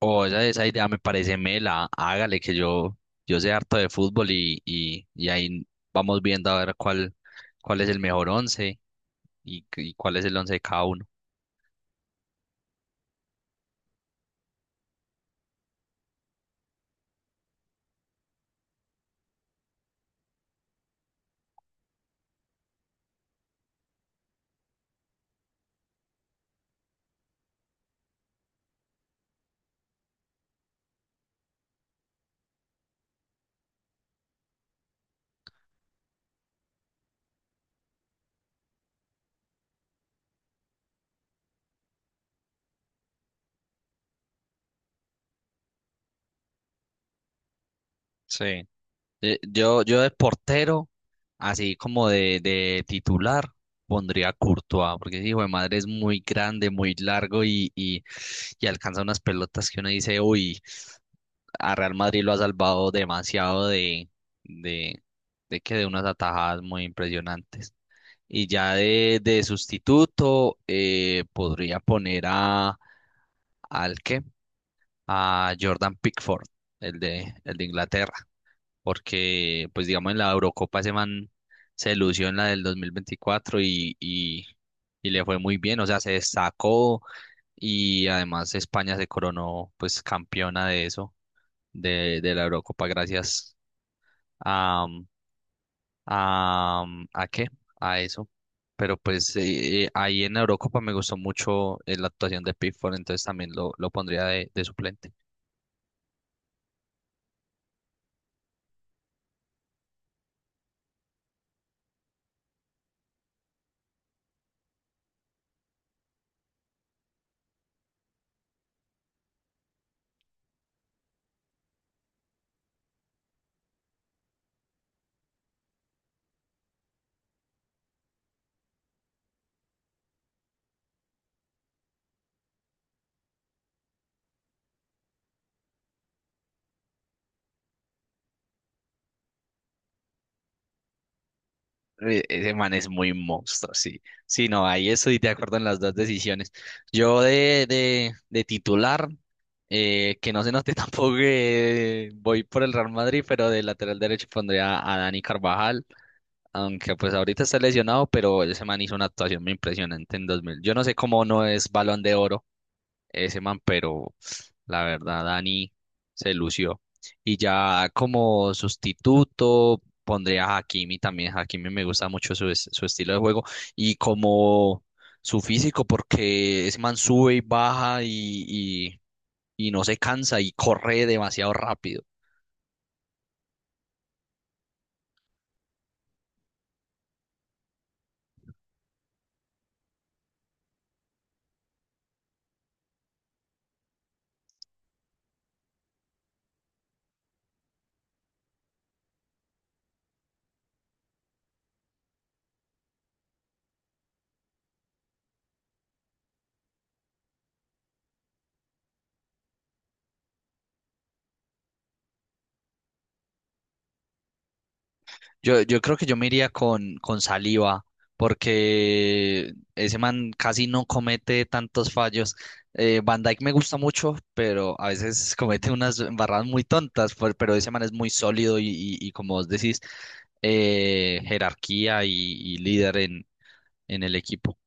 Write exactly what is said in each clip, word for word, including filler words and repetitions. O esa, esa idea me parece mela, hágale que yo, yo sé harto de fútbol y, y, y ahí vamos viendo a ver cuál, cuál es el mejor once y, y cuál es el once de cada uno. Sí. Eh, Yo, yo de portero, así como de de titular, pondría Courtois, porque ese hijo de madre es muy grande, muy largo y, y, y alcanza unas pelotas que uno dice, uy, a Real Madrid lo ha salvado demasiado de, de, de que de unas atajadas muy impresionantes. Y ya de de sustituto, eh, podría poner a, ¿al qué? A Jordan Pickford, el de el de Inglaterra, porque pues digamos en la Eurocopa ese man se lució en la del dos mil veinticuatro y, y, y le fue muy bien, o sea, se destacó, y además España se coronó pues campeona de eso, de de la Eurocopa gracias a, a, ¿a qué? A eso. Pero pues eh, eh, ahí en la Eurocopa me gustó mucho eh, la actuación de Pickford, entonces también lo, lo pondría de de suplente. E- Ese man es muy monstruo, sí. Sí, no, ahí estoy de acuerdo en las dos decisiones. Yo de de, de titular, eh, que no se note tampoco que voy por el Real Madrid, pero de lateral derecho pondría a Dani Carvajal, aunque pues ahorita está lesionado, pero ese man hizo una actuación muy impresionante en dos mil. Yo no sé cómo no es Balón de Oro ese man, pero la verdad, Dani se lució. Y ya como sustituto pondría a Hakimi también. Hakimi me gusta mucho su, es- su estilo de juego y como su físico, porque ese man sube y baja y, y, y no se cansa y corre demasiado rápido. Yo, yo creo que yo me iría con, con Saliba, porque ese man casi no comete tantos fallos. Eh, Van Dijk me gusta mucho, pero a veces comete unas embarradas muy tontas, por- pero ese man es muy sólido y, y- y como vos decís, eh, jerarquía y, y líder en en el equipo.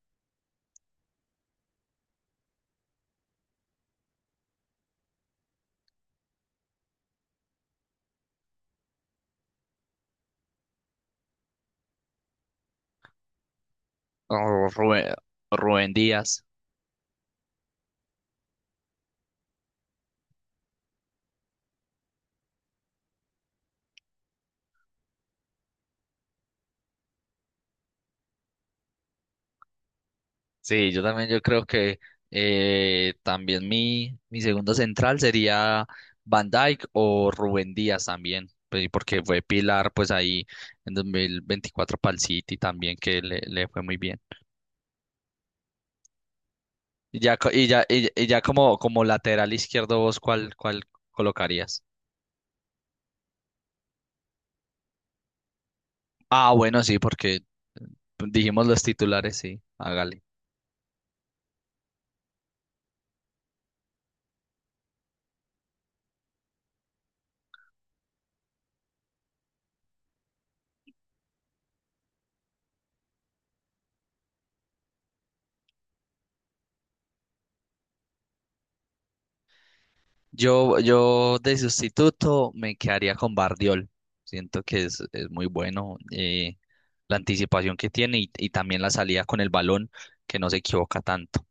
Oh, Rubén, Rubén Díaz. Sí, yo también yo creo que eh, también mi, mi segundo central sería Van Dijk o Rubén Díaz también, pues, porque fue pilar pues ahí en dos mil veinticuatro para el City también que le, le fue muy bien. Y ya, co- y ya, y, y ya como como lateral izquierdo, vos, ¿cuál, ¿cuál colocarías? Ah, bueno, sí, porque eh, dijimos los titulares, sí, hágale. Yo, yo de sustituto me quedaría con Bardiol. Siento que es, es muy bueno, eh, la anticipación que tiene y, y también la salida con el balón, que no se equivoca tanto.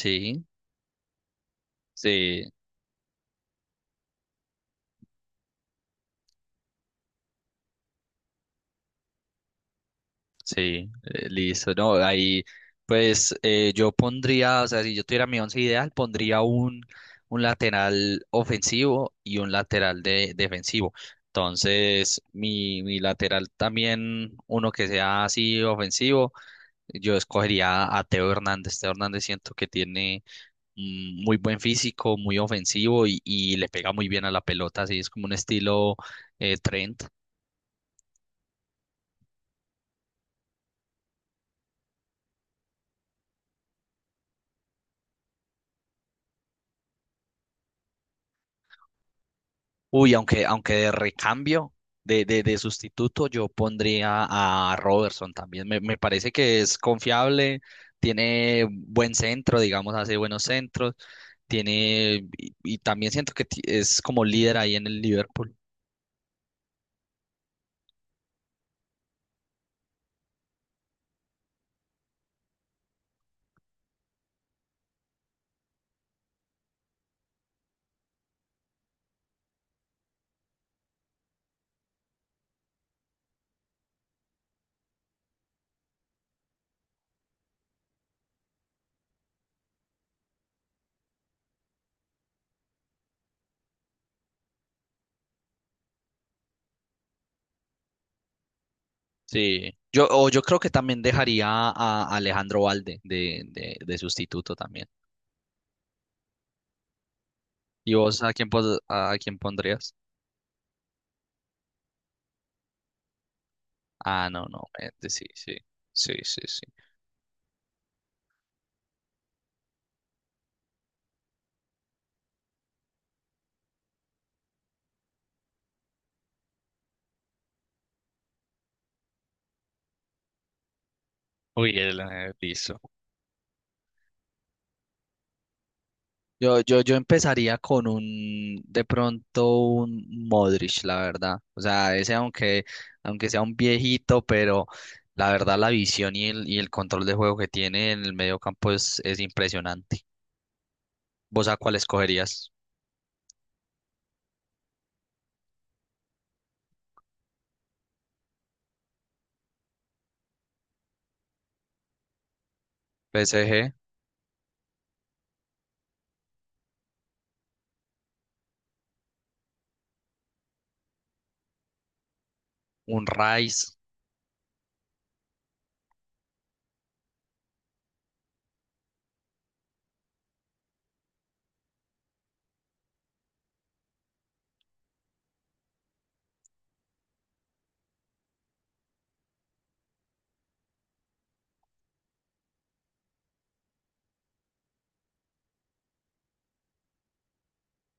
Sí, sí, sí, eh, listo. No, ahí pues eh, yo pondría, o sea, si yo tuviera mi once ideal, pondría un, un lateral ofensivo y un lateral de, defensivo. Entonces, mi, mi lateral también, uno que sea así ofensivo. Yo escogería a Teo Hernández. Teo Hernández siento que tiene mm, muy buen físico, muy ofensivo y, y le pega muy bien a la pelota. Así es como un estilo eh, Trent. Uy, aunque, aunque de recambio, de, de, de sustituto, yo pondría a Robertson también. Me, me parece que es confiable, tiene buen centro, digamos, hace buenos centros. Tiene, y, y también siento que ti- es como líder ahí en el Liverpool. Sí, yo, o yo creo que también dejaría a Alejandro Valde de de, de sustituto también. ¿Y vos a quién, pos- a quién pondrías? Ah, no, no, eh, sí, sí, sí, sí, sí. Uy, el eh, listo. Yo, yo, yo empezaría con un, de pronto un Modric, la verdad. O sea, ese aunque, aunque sea un viejito, pero la verdad la visión y el, y el control de juego que tiene en el medio campo es, es impresionante. ¿Vos a cuál escogerías? P S G, un Rice.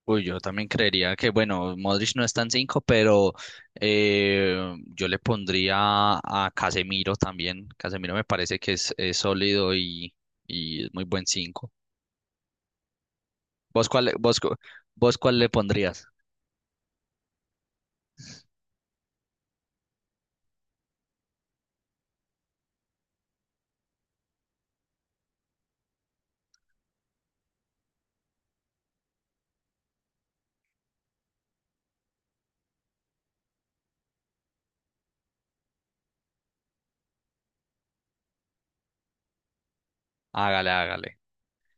Uy, yo también creería que, bueno, Modric no está en cinco, pero eh, yo le pondría a Casemiro también. Casemiro me parece que es, es sólido y, y es muy buen cinco. ¿Vos cuál, le- vos, cu- vos cuál le pondrías? Hágale, hágale.